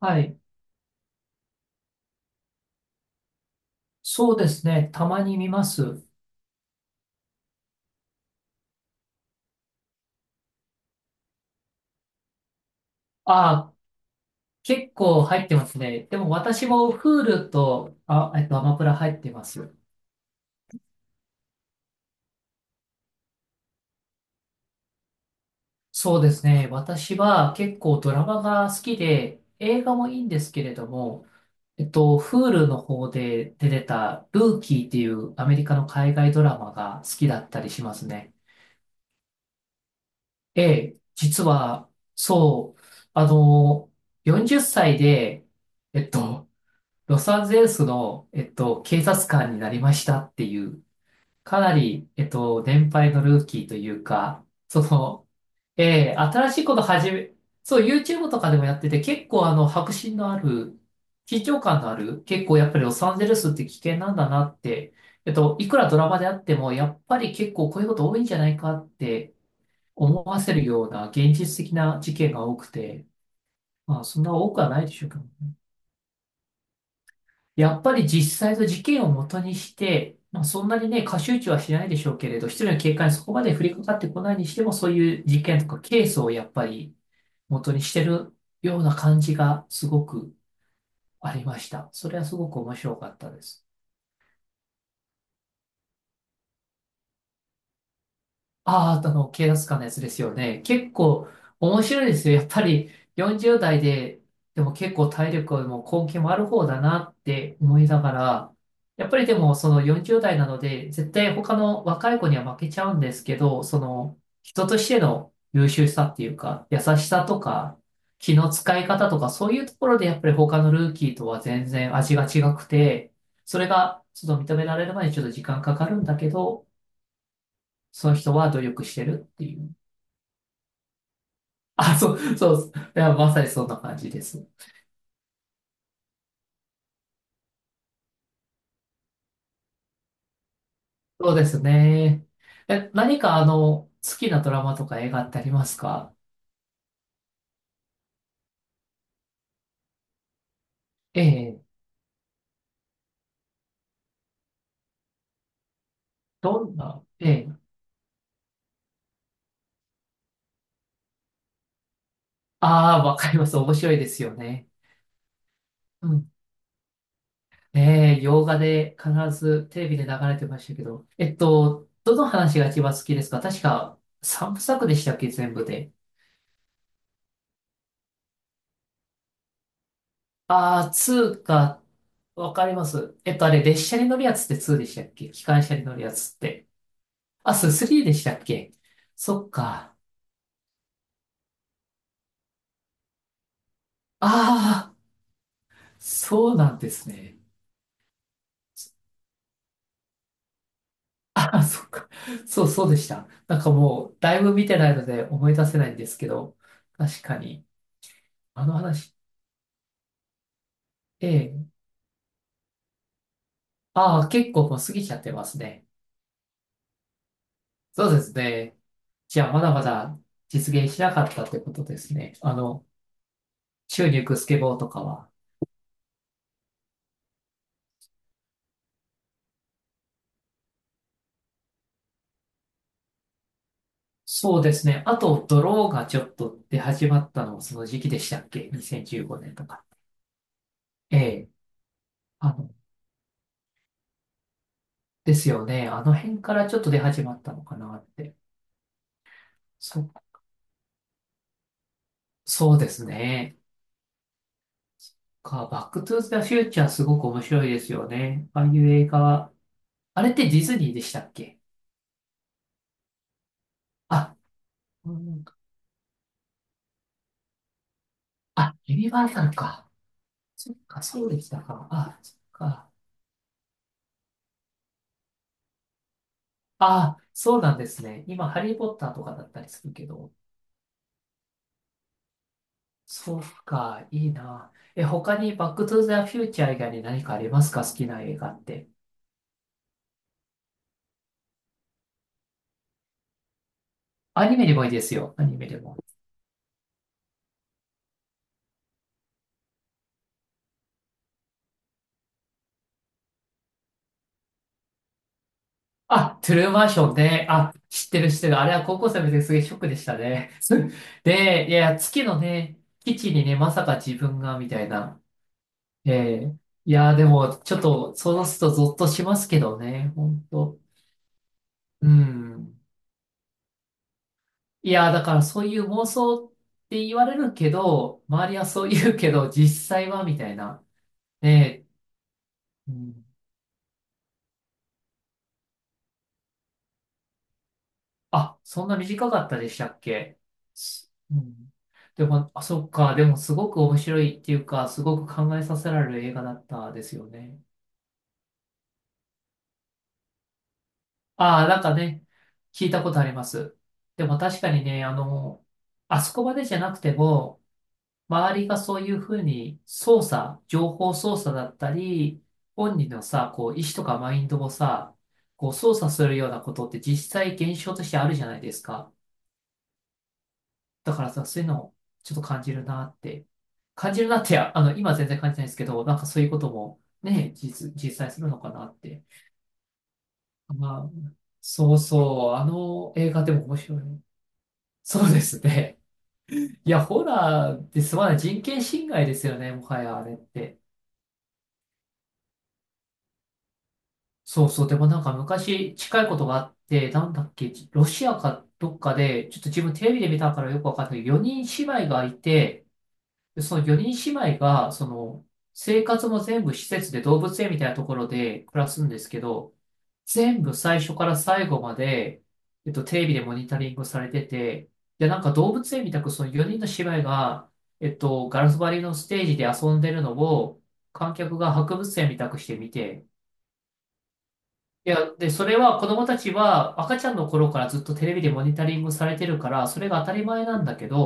はい。そうですね。たまに見ます。あ、結構入ってますね。でも私も Hulu と、アマプラ入ってます。そうですね。私は結構ドラマが好きで、映画もいいんですけれども、Hulu の方で出てたルーキーっていうアメリカの海外ドラマが好きだったりしますね。ええ、実は、そう、あの、40歳で、えっと、ロサンゼルスの、警察官になりましたっていう、かなり、年配のルーキーというか、その、えー新しいこと始め、そう、YouTube とかでもやってて、結構迫真のある、緊張感のある、結構やっぱりロサンゼルスって危険なんだなって、いくらドラマであっても、やっぱり結構こういうこと多いんじゃないかって思わせるような現実的な事件が多くて、まあ、そんな多くはないでしょうけどね。やっぱり実際の事件を元にして、まあ、そんなにね、過集中はしないでしょうけれど、一人の警官にそこまで降りかかってこないにしても、そういう事件とかケースをやっぱり元にしてるような感じがすごくありました。それはすごく面白かったです。ああ、あの、警察官のやつですよね。結構面白いですよ。やっぱり40代で、でも結構体力も根気もある方だなって思いながら、やっぱりでもその40代なので、絶対他の若い子には負けちゃうんですけど、その人としての優秀さっていうか、優しさとか、気の使い方とか、そういうところでやっぱり他のルーキーとは全然味が違くて、それがちょっと認められるまでにちょっと時間かかるんだけど、その人は努力してるっていう。あ、そう、そうです、いや、まさにそんな感じです。そうですね。え、何か好きなドラマとか映画ってありますか？ええ、どんな、ええ、ああ、わかります。面白いですよね。うん。ええ、洋画で必ずテレビで流れてましたけど、どの話が一番好きですか？確か三部作でしたっけ、全部で。ああ、ツーか、わかります。あれ、列車に乗るやつってツーでしたっけ？機関車に乗るやつって。あ、スリーでしたっけ？そっか。ああ、そうなんですね。ああ、そっか。そう、そうでした。なんかもう、だいぶ見てないので思い出せないんですけど、確かに、あの話、ええ、ああ、結構もう過ぎちゃってますね。そうですね。じゃあ、まだまだ実現しなかったってことですね。あの、宙に浮くスケボーとかは。そうですね。あと、ドローがちょっと出始まったのもその時期でしたっけ？ 2015年 年とか。ええ。あの、ですよね。あの辺からちょっと出始まったのかなって。そ、そうですね。バックトゥーザフューチャーすごく面白いですよね。ああいう映画は。あれってディズニーでしたっけ？あ、うん、あ、ユニバーサルか。そっか、そうでしたか。あ、そっか。あ、そうなんですね。今、ハリー・ポッターとかだったりするけど。そうか、いいな。え、他にバックトゥーザフューチャー以外に何かありますか？好きな映画って。アニメでもいいですよ。アニメでも。あ、トゥルーマンションね。あ、知ってる知ってる。あれは高校生の時ですげえショックでしたね。で、いや、月のね、基地にね、まさか自分が、みたいな。ええ、いや、でも、ちょっと、そうするとゾッとしますけどね、ほんと。うん。いや、だからそういう妄想って言われるけど、周りはそう言うけど、実際は、みたいな。ねえ、うん。あ、そんな短かったでしたっけ？うん。でも、あ、そっか。でも、すごく面白いっていうか、すごく考えさせられる映画だったですよね。ああ、なんかね、聞いたことあります。でも、確かにね、あそこまでじゃなくても、周りがそういうふうに操作、情報操作だったり、本人のさ、こう、意思とかマインドをさ、こう、操作するようなことって実際現象としてあるじゃないですか。だからさ、そういうのをちょっと感じるなって、今は全然感じないですけど、なんかそういうこともね、実際するのかなって。まあ、そうそう、あの映画でも面白い。そうですね。いや、ホラーですまない人権侵害ですよね、もはやあれって。そうそう、でもなんか昔近いことがあって、なんだっけ、ロシアかどっかで、ちょっと自分テレビで見たからよくわかんないけど、4人姉妹がいて、で、その4人姉妹が、その、生活も全部施設で動物園みたいなところで暮らすんですけど、全部最初から最後まで、テレビでモニタリングされてて、で、なんか動物園みたくその4人の姉妹が、ガラス張りのステージで遊んでるのを、観客が博物園みたくして見て、いや、で、それは子供たちは赤ちゃんの頃からずっとテレビでモニタリングされてるから、それが当たり前なんだけど、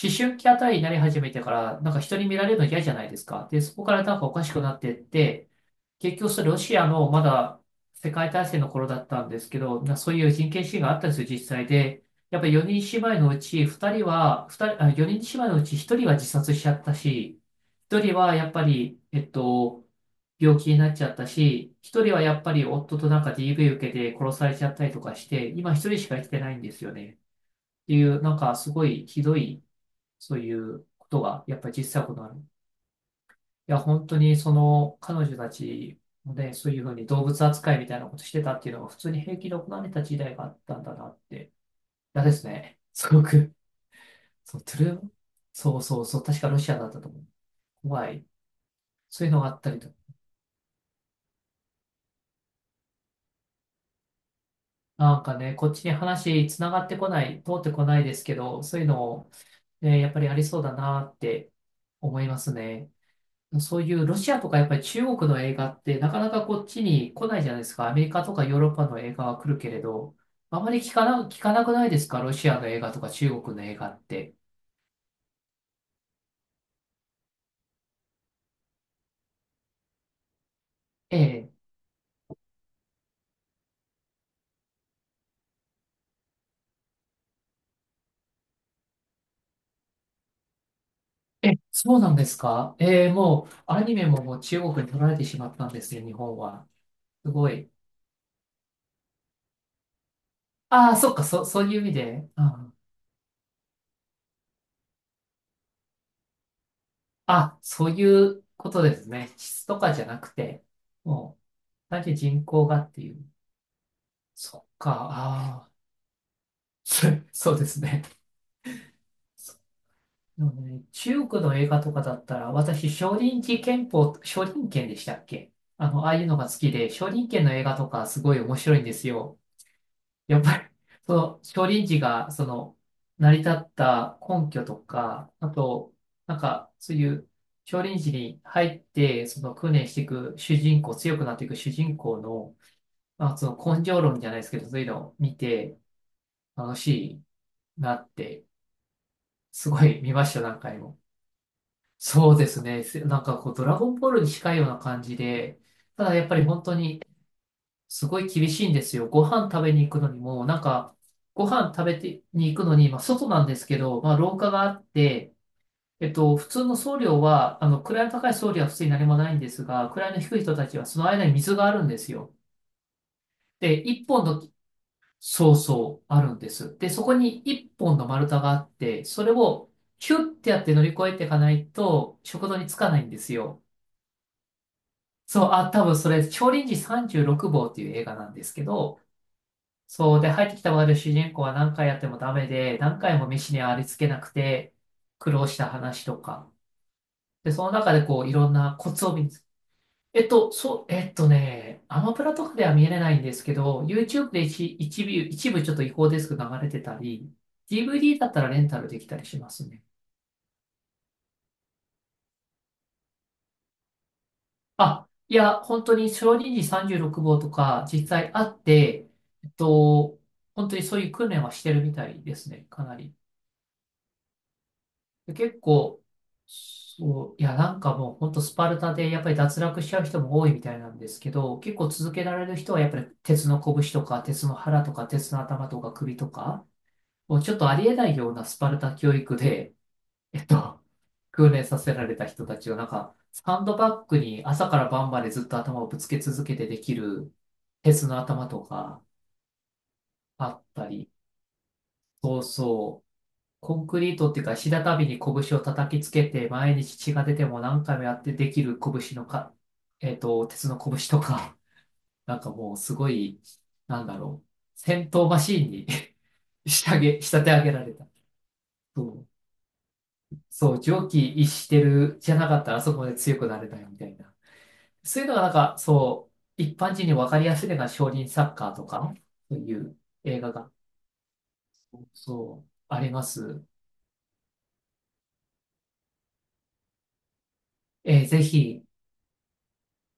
思春期あたりになり始めてから、なんか人に見られるの嫌じゃないですか。で、そこからなんかおかしくなってって、結局それロシアのまだ世界大戦の頃だったんですけど、そういう人権侵害があったんですよ、実際で。やっぱり4人姉妹のうち2人は、2人、あ、4人姉妹のうち1人は自殺しちゃったし、1人はやっぱり、病気になっちゃったし、1人はやっぱり夫となんか DV 受けて殺されちゃったりとかして、今1人しか生きてないんですよね。っていう、なんかすごいひどいそういうことが、やっぱり実際行われる。いや、本当にその彼女たちもね、そういうふうに動物扱いみたいなことしてたっていうのが普通に平気で行われた時代があったんだなって。嫌ですね。すごく。そう、トゥルー、そうそうそう、確かロシアだったと思う。怖い。そういうのがあったりとか。なんかね、こっちに話つながってこない、通ってこないですけど、そういうのを、ね、やっぱりありそうだなって思いますね。そういうロシアとかやっぱり中国の映画ってなかなかこっちに来ないじゃないですか。アメリカとかヨーロッパの映画は来るけれど、あまり聞かな、聞かなくないですか？ロシアの映画とか中国の映画って。ええ。え、そうなんですか？ええ、もうアニメももう中国に取られてしまったんですよ、日本は。すごい。ああ、そっか、そういう意味で。ああ、そういうことですね。質とかじゃなくて、もう、単純に人口がっていう。そっか、ああ、そそうですね。なのでね、中国の映画とかだったら、私、少林寺拳法、少林拳でしたっけ。あの、ああいうのが好きで、少林拳の映画とかすごい面白いんですよ。やっぱり、その、少林寺が、その、成り立った根拠とか、あと、なんか、そういう、少林寺に入って、その、訓練していく主人公、強くなっていく主人公の、まあ、その、根性論じゃないですけど、そういうのを見て、楽しいなって、すごい見ました、何回も。そうですね。なんかこう、ドラゴンボールに近いような感じで、ただやっぱり本当にすごい厳しいんですよ。ご飯食べに行くのにも、なんか、ご飯食べてに行くのに、まあ外なんですけど、まあ廊下があって、普通の僧侶は、位の高い僧侶は普通に何もないんですが、位の低い人たちはその間に水があるんですよ。で、一本の、そうそう、あるんです。で、そこに一本の丸太があって、それをヒュッてやって乗り越えていかないと、食堂に着かないんですよ。そう、あ、多分それ、少林寺36号っていう映画なんですけど、そう、で、入ってきた我々主人公は何回やってもダメで、何回も飯にありつけなくて、苦労した話とか。で、その中でこう、いろんなコツをそう、えっとね、アマプラとかでは見れないんですけど、YouTube で一部ちょっと違法ですけど流れてたり、DVD だったらレンタルできたりしますね。あ、いや、本当に小児児36号とか実際あって、えっと、本当にそういう訓練はしてるみたいですね、かなり。で結構、そう、いや、なんかもう本当スパルタでやっぱり脱落しちゃう人も多いみたいなんですけど、結構続けられる人はやっぱり鉄の拳とか、鉄の腹とか、鉄の頭とか首とか、もうちょっとありえないようなスパルタ教育で、えっと、訓練させられた人たちを、なんか、サンドバッグに朝から晩までずっと頭をぶつけ続けてできる、鉄の頭とかあったり、そうそう、コンクリートっていうか、石畳に拳を叩きつけて、毎日血が出ても何回もやってできる拳のか、鉄の拳とか、なんかもうすごい、なんだろう、戦闘マシーンに 仕立て上げられた。そう、そう、常軌逸してるじゃなかったらあそこまで強くなれないみたいな。そういうのがなんか、そう、一般人に分かりやすいのが少林サッカーとか、そういう映画が、そう、あります。えーぜひ、